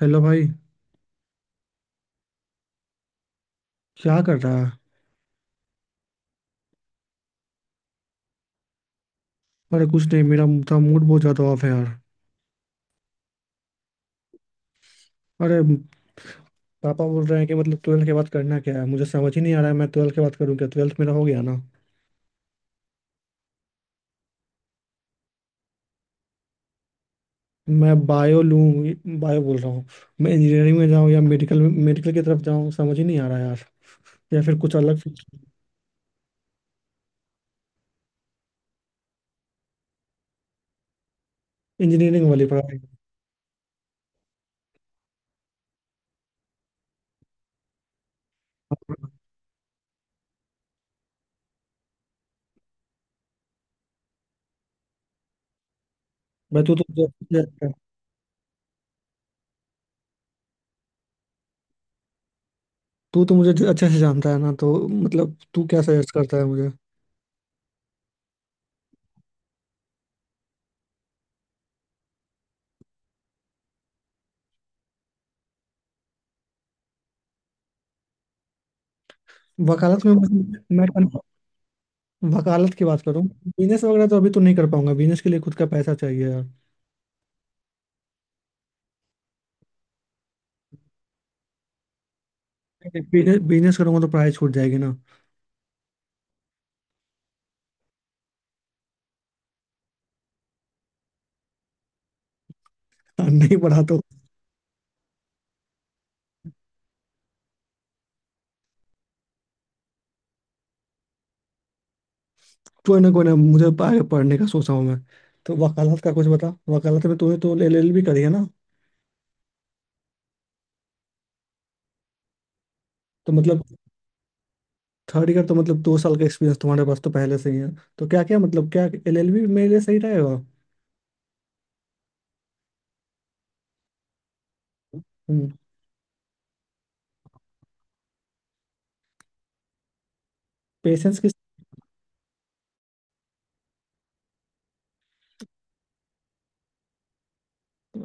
Hello भाई। क्या कर रहा है? अरे कुछ नहीं, मेरा था मूड बहुत ज़्यादा ऑफ है यार। अरे पापा बोल रहे हैं कि मतलब ट्वेल्थ के बाद करना क्या है, मुझे समझ ही नहीं आ रहा है। मैं ट्वेल्थ के बाद करूँ क्या? ट्वेल्थ मेरा हो गया ना। मैं बायो लूँ, बायो बोल रहा हूँ। मैं इंजीनियरिंग में जाऊँ या मेडिकल मेडिकल की तरफ जाऊँ, समझ ही नहीं आ रहा है यार। या फिर कुछ अलग। इंजीनियरिंग वाली पढ़ाई। भाई तू तो मुझे अच्छे से जानता है ना, तो मतलब तू क्या सजेस्ट करता है मुझे? वकालत में। मैं वकालत की बात करूँ, बिजनेस वगैरह तो अभी तो नहीं कर पाऊंगा, बिजनेस के लिए खुद का पैसा चाहिए यार। बिजनेस बिजनेस करूंगा तो पढ़ाई छूट जाएगी ना। और नहीं पढ़ा तो? कोई ना कोई ना, मुझे आगे पढ़ने का सोचा हूँ मैं। तो वकालत का कुछ बता, वकालत में तूने तो एल एल बी करी है ना? तो मतलब थर्ड ईयर तो मतलब दो साल का एक्सपीरियंस तुम्हारे पास तो पहले से ही है। तो क्या, क्या मतलब, क्या एल एल बी मेरे लिए सही रहेगा? हम्म। पेशेंस की?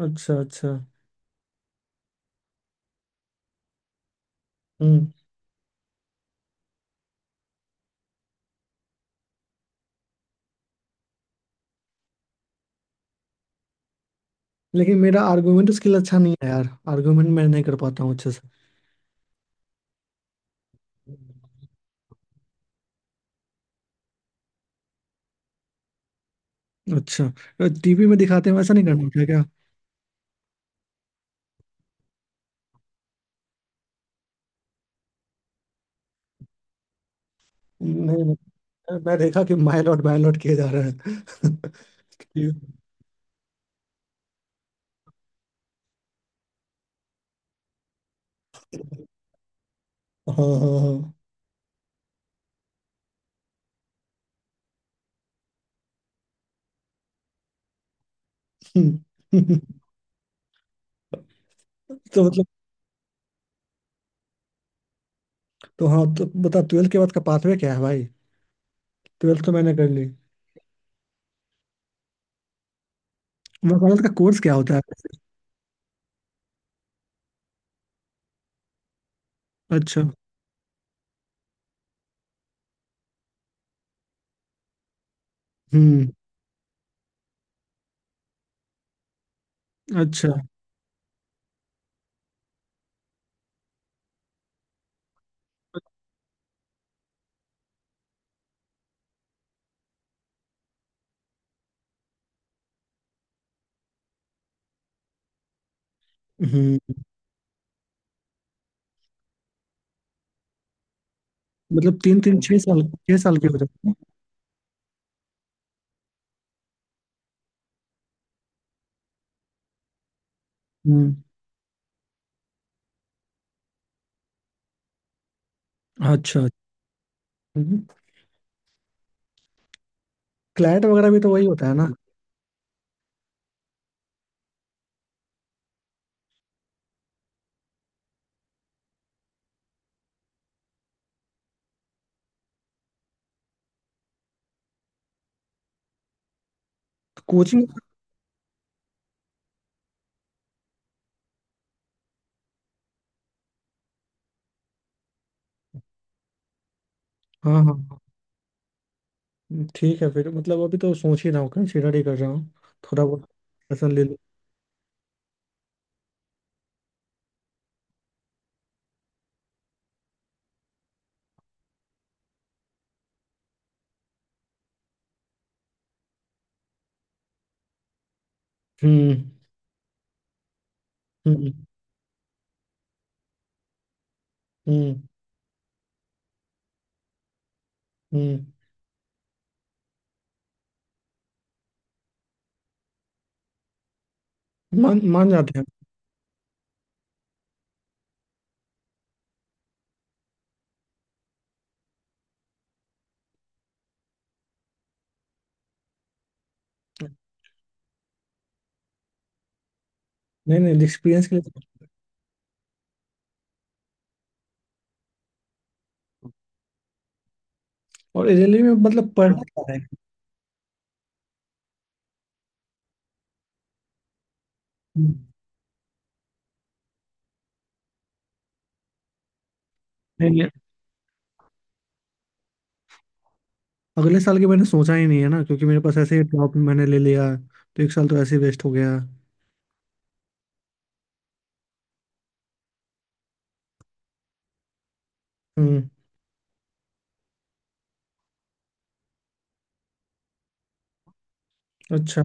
अच्छा, अच्छा। हम्म। लेकिन मेरा आर्गूमेंट स्किल अच्छा नहीं है यार, आर्गूमेंट मैं नहीं कर पाता हूँ अच्छे से। अच्छा, टीवी में दिखाते हैं वैसा नहीं करना होता है क्या? नहीं, मैं देखा कि माय लॉट किए जा रहे हैं। कि- हाँ, हाँ, हाँ। तो मतलब तो हाँ, तो बता ट्वेल्थ के बाद का पाथवे क्या है भाई? ट्वेल्थ तो मैंने कर ली। वकालत का कोर्स क्या होता है? अच्छा। हम्म। अच्छा। हम्म। मतलब तीन तीन छह साल, छह साल के होते हैं? हम्म। अच्छा। क्लाइंट वगैरह भी तो वही होता है ना? कोचिंग। हाँ, हाँ, हाँ। ठीक है फिर। मतलब अभी तो सोच ही रहा हूँ, कंसिडर ही कर रहा हूँ। थोड़ा बहुत लेसन ले लूँ। हम्म। हम्म। हम्म। हम्म। मान मान जाते हैं। नहीं, नहीं, एक्सपीरियंस के लिए। और रेलवे में मतलब पढ़ना क्या है? हम्म। नहीं, नहीं, अगले साल के मैंने सोचा ही नहीं है ना, क्योंकि मेरे पास ऐसे ही ड्रॉप मैंने ले लिया। तो एक साल तो ऐसे ही वेस्ट हो गया। हम्म। अच्छा।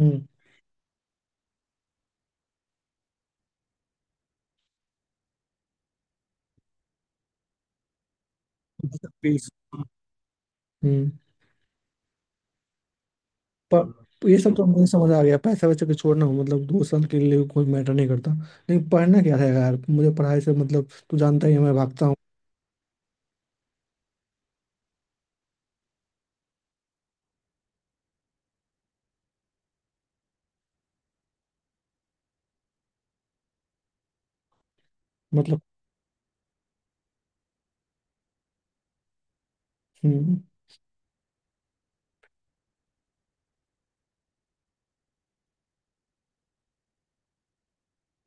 हम्म। फीस। हम्म। पर ये सब तो मुझे समझ आ गया, पैसा वैसा के छोड़ना हो मतलब दो साल के लिए कोई मैटर नहीं करता। लेकिन पढ़ना क्या था यार, मुझे पढ़ाई से मतलब तू जानता ही है मैं भागता हूँ। मतलब। हम्म।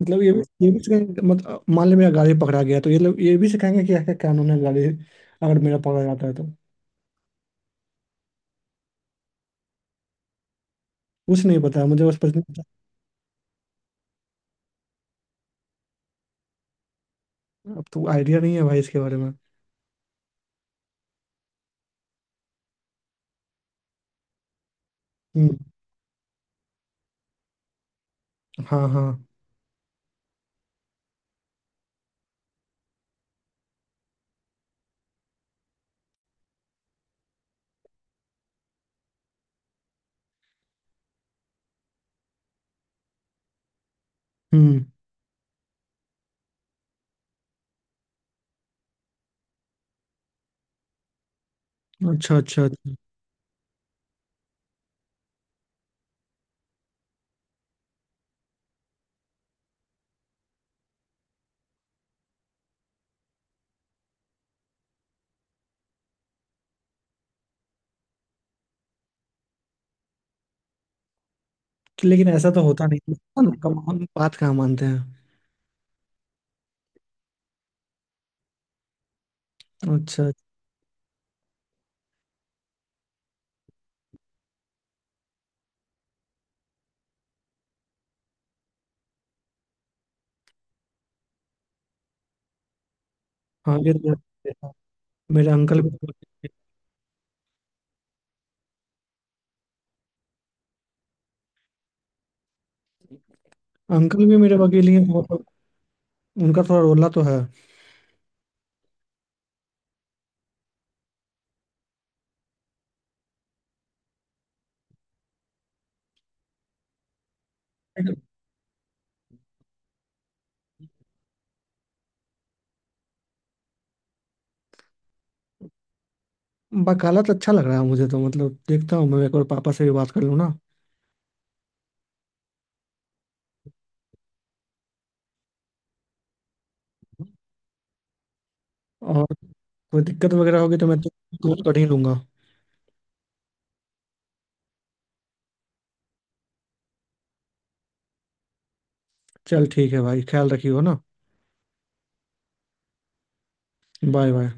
मतलब ये भी सिखाएंगे, मतलब मान लो मेरा गाड़ी पकड़ा गया तो ये लोग ये भी सिखाएंगे कि क्या कानून है गाड़ी? अगर मेरा पकड़ा जाता है तो? कुछ नहीं पता मुझे, बस पता नहीं। अब तो आइडिया नहीं है भाई इसके बारे में। हम्म। हाँ, हाँ। हम्म। अच्छा, अच्छा, अच्छा। लेकिन ऐसा तो होता नहीं है ना, कम हम बात कहाँ मानते हैं। अच्छा, अच्छा। हाँ, ये तो देखा। मेरे अंकल भी। अंकल भी मेरे वकील ही हैं मतलब, उनका थोड़ा रोला तो है। वकालत अच्छा लग रहा है मुझे तो, मतलब देखता हूँ, मैं एक बार पापा से भी बात कर लूँ ना। कोई दिक्कत वगैरह होगी तो मैं तो कॉल कर ही लूंगा। चल ठीक है भाई, ख्याल रखियो ना। Bye, bye.